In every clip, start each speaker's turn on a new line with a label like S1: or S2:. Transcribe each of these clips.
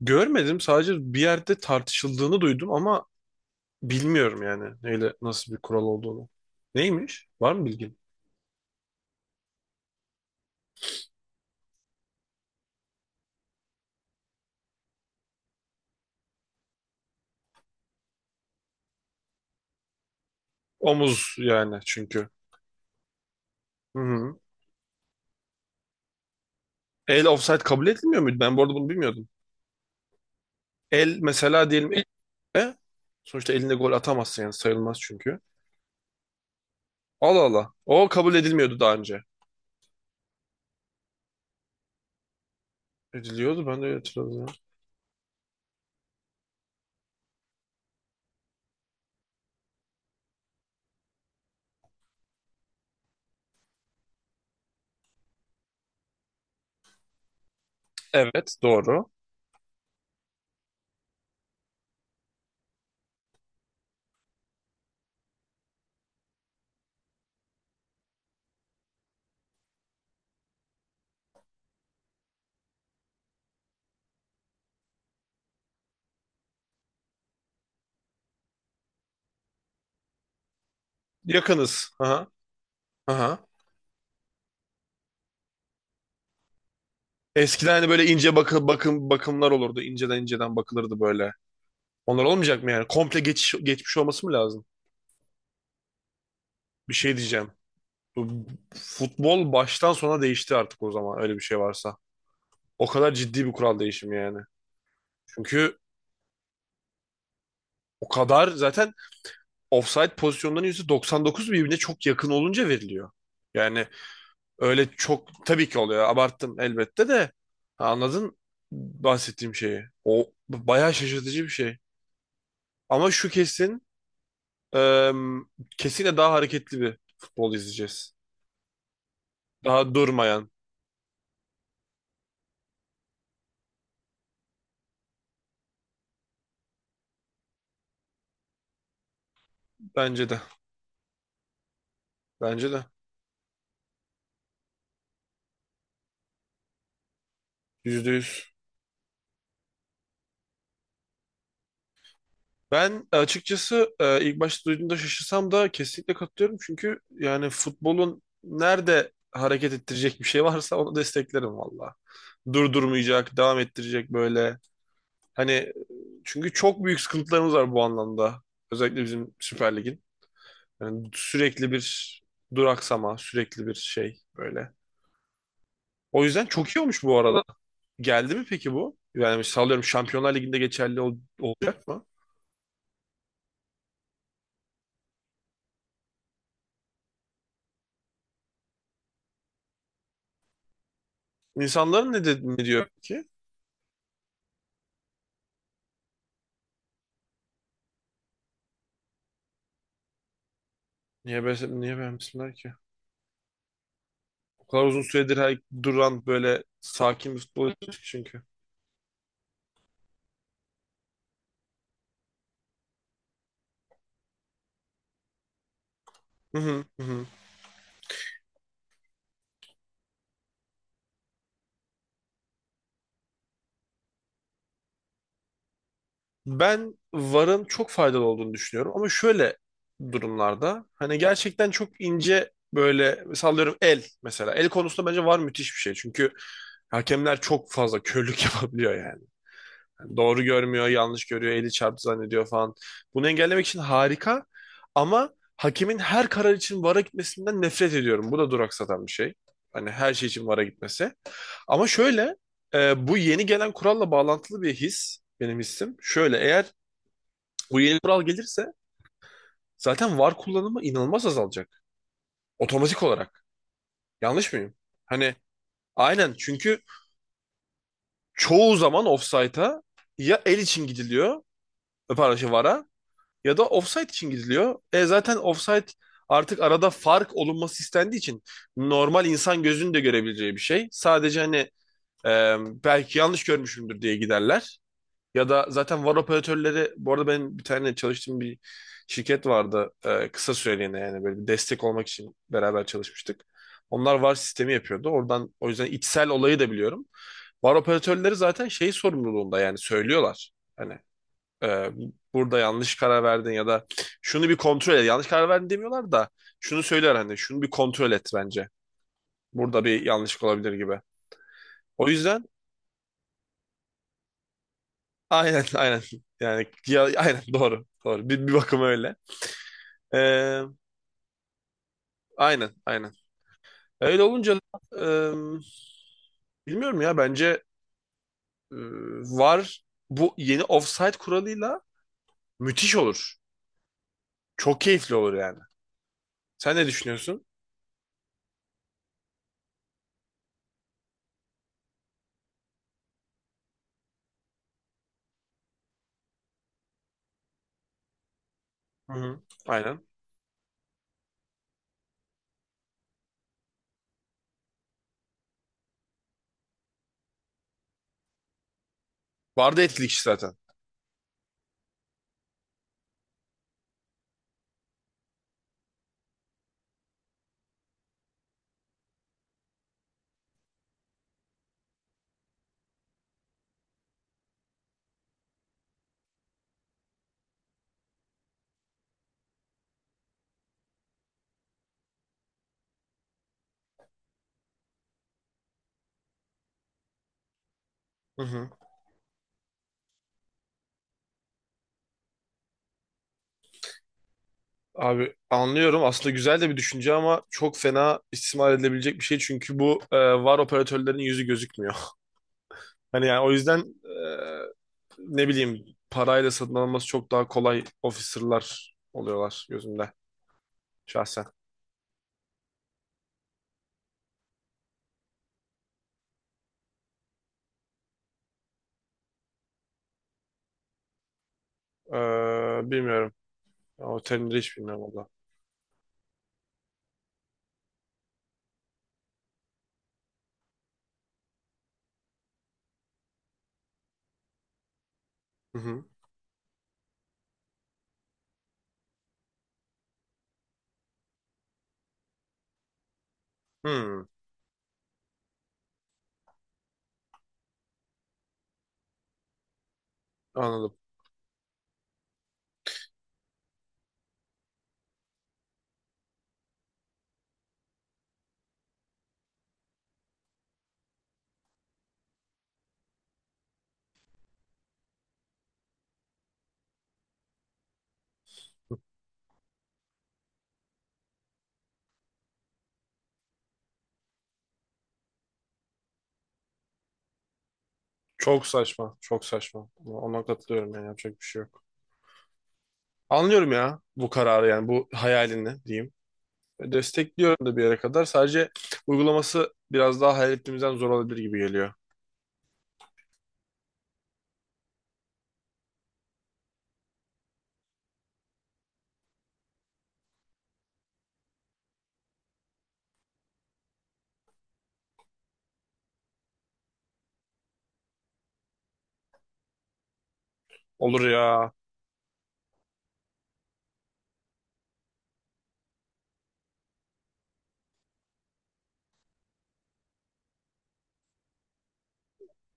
S1: Görmedim. Sadece bir yerde tartışıldığını duydum ama bilmiyorum yani neyle nasıl bir kural olduğunu. Neymiş? Var mı bilgin? Omuz yani çünkü. Hı hı. El offside kabul edilmiyor muydu? Ben bu arada bunu bilmiyordum. El mesela diyelim el, e? Sonuçta elinde gol atamazsın yani sayılmaz çünkü. Allah Allah. O kabul edilmiyordu daha önce. Ediliyordu ben de öyle hatırladım. Evet, doğru. Yakınız. Aha. Aha. Eskiden hani böyle ince bakımlar olurdu. İnceden inceden bakılırdı böyle. Onlar olmayacak mı yani? Komple geçmiş olması mı lazım? Bir şey diyeceğim. Bu futbol baştan sona değişti artık, o zaman öyle bir şey varsa. O kadar ciddi bir kural değişimi yani. Çünkü o kadar zaten offside pozisyonların %99 birbirine çok yakın olunca veriliyor. Yani öyle çok tabii ki oluyor. Abarttım elbette de. Ha, anladın bahsettiğim şeyi. O bayağı şaşırtıcı bir şey. Ama şu kesin, e, kesinlikle daha hareketli bir futbol izleyeceğiz. Daha durmayan, bence de. Bence de. %100. Ben açıkçası ilk başta duyduğumda şaşırsam da kesinlikle katılıyorum. Çünkü yani futbolun nerede hareket ettirecek bir şey varsa onu desteklerim valla. Durdurmayacak, devam ettirecek böyle. Hani çünkü çok büyük sıkıntılarımız var bu anlamda. Özellikle bizim Süper Lig'in. Yani sürekli bir duraksama, sürekli bir şey böyle. O yüzden çok iyi olmuş bu arada. Geldi mi peki bu? Yani sallıyorum, Şampiyonlar Ligi'nde geçerli olacak mı? İnsanların ne diyor peki? Niye beğenmesinler ki? O kadar uzun süredir her duran böyle sakin bir futbol çünkü. Hı hı, hı hı. Ben VAR'ın çok faydalı olduğunu düşünüyorum ama şöyle durumlarda hani gerçekten çok ince, böyle sallıyorum, el mesela. El konusunda bence VAR müthiş bir şey, çünkü hakemler çok fazla körlük yapabiliyor yani. Doğru görmüyor, yanlış görüyor, eli çarptı zannediyor falan. Bunu engellemek için harika, ama hakemin her karar için VAR'a gitmesinden nefret ediyorum. Bu da duraksatan bir şey. Hani her şey için VAR'a gitmesi. Ama şöyle, bu yeni gelen kuralla bağlantılı bir his benim hissim. Şöyle, eğer bu yeni kural gelirse zaten VAR kullanımı inanılmaz azalacak. Otomatik olarak. Yanlış mıyım? Hani aynen, çünkü çoğu zaman ofsayta, ya el için gidiliyor, pardon şey VAR'a, ya da offside için gidiliyor. Zaten offside artık arada fark olunması istendiği için normal insan gözünün de görebileceği bir şey. Sadece hani, e, belki yanlış görmüşümdür diye giderler. Ya da zaten VAR operatörleri, bu arada benim bir tane çalıştığım bir şirket vardı, kısa süreliğine yani böyle bir destek olmak için beraber çalışmıştık. Onlar VAR sistemi yapıyordu. Oradan, o yüzden içsel olayı da biliyorum. VAR operatörleri zaten şey sorumluluğunda yani söylüyorlar. Hani, e, burada yanlış karar verdin, ya da şunu bir kontrol et. Yanlış karar verdin demiyorlar da şunu söyler, hani şunu bir kontrol et bence. Burada bir yanlışlık olabilir gibi. O yüzden aynen, aynen, yani ya, aynen, doğru doğru, bir bakıma öyle. Ee, aynen aynen. Öyle olunca da, bilmiyorum ya, bence e, var, bu yeni offside kuralıyla müthiş olur. Çok keyifli olur yani. Sen ne düşünüyorsun? Hı hı. Aynen. Vardı etkilik zaten. Hı hı. Abi anlıyorum. Aslında güzel de bir düşünce ama çok fena istismar edilebilecek bir şey. Çünkü bu, var operatörlerin yüzü gözükmüyor. Hani yani o yüzden, ne bileyim, parayla satın alınması çok daha kolay officer'lar oluyorlar gözümde, şahsen. E, Bilmiyorum. O terimleri hiç bilmiyorum valla. Hı hı. Hmm, anladım. Çok saçma. Çok saçma. Ona katılıyorum, yani yapacak bir şey yok. Anlıyorum ya bu kararı, yani bu hayalini diyeyim. Destekliyorum da bir yere kadar. Sadece uygulaması biraz daha hayal ettiğimizden zor olabilir gibi geliyor. Olur ya.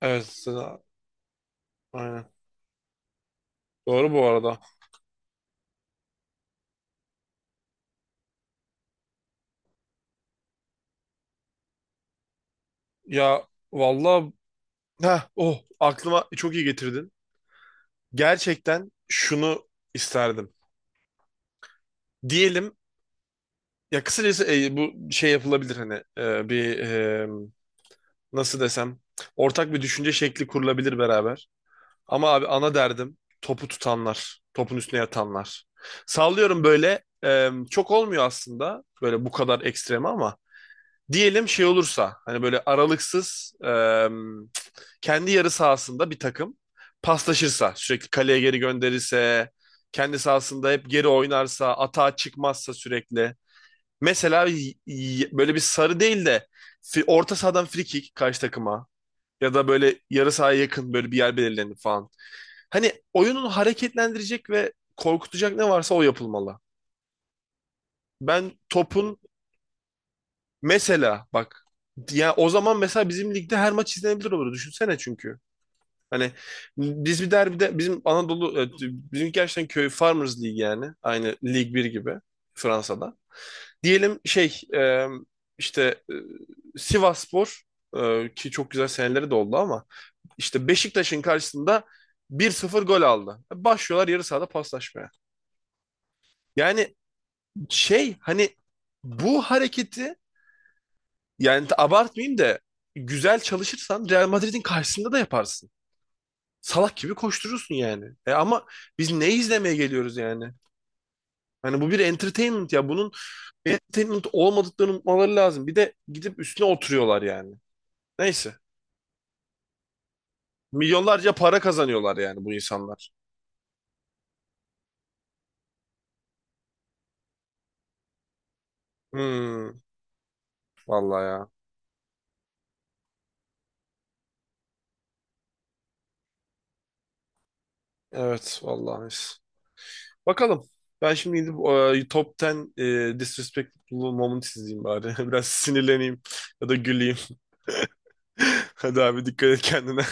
S1: Evet. Aynen. Doğru bu arada. Ya vallahi, oh, aklıma çok iyi getirdin. Gerçekten şunu isterdim. Diyelim ya, kısacası bu şey yapılabilir, hani bir, nasıl desem, ortak bir düşünce şekli kurulabilir beraber. Ama abi ana derdim, topu tutanlar, topun üstüne yatanlar. Sallıyorum böyle, çok olmuyor aslında böyle bu kadar ekstrem, ama diyelim şey olursa, hani böyle aralıksız, kendi yarı sahasında bir takım paslaşırsa, sürekli kaleye geri gönderirse, kendi sahasında hep geri oynarsa, atağa çıkmazsa sürekli. Mesela böyle bir sarı değil de, orta sahadan free kick karşı takıma, ya da böyle yarı sahaya yakın böyle bir yer belirlenip falan. Hani oyunun hareketlendirecek ve korkutacak ne varsa o yapılmalı. Ben topun mesela, bak ya, o zaman mesela bizim ligde her maç izlenebilir olur, düşünsene çünkü. Hani biz bir derbide, bizim Anadolu, bizim gerçekten köy, Farmers League yani, aynı Lig bir gibi Fransa'da. Diyelim şey, işte, Sivasspor, ki çok güzel seneleri de oldu ama, İşte Beşiktaş'ın karşısında 1-0 gol aldı. Başlıyorlar yarı sahada paslaşmaya. Yani şey hani, bu hareketi, yani abartmayayım da, güzel çalışırsan Real Madrid'in karşısında da yaparsın. Salak gibi koşturursun yani. Ama biz ne izlemeye geliyoruz yani? Hani bu bir entertainment ya. Bunun entertainment olmadıklarını unutmaları lazım. Bir de gidip üstüne oturuyorlar yani. Neyse. Milyonlarca para kazanıyorlar yani bu insanlar. Hmm, vallahi ya. Evet, vallahi. Bakalım. Ben şimdi gidip, Top 10 Disrespectful Moments izleyeyim bari. Biraz sinirleneyim ya da güleyim. Hadi abi, dikkat et kendine.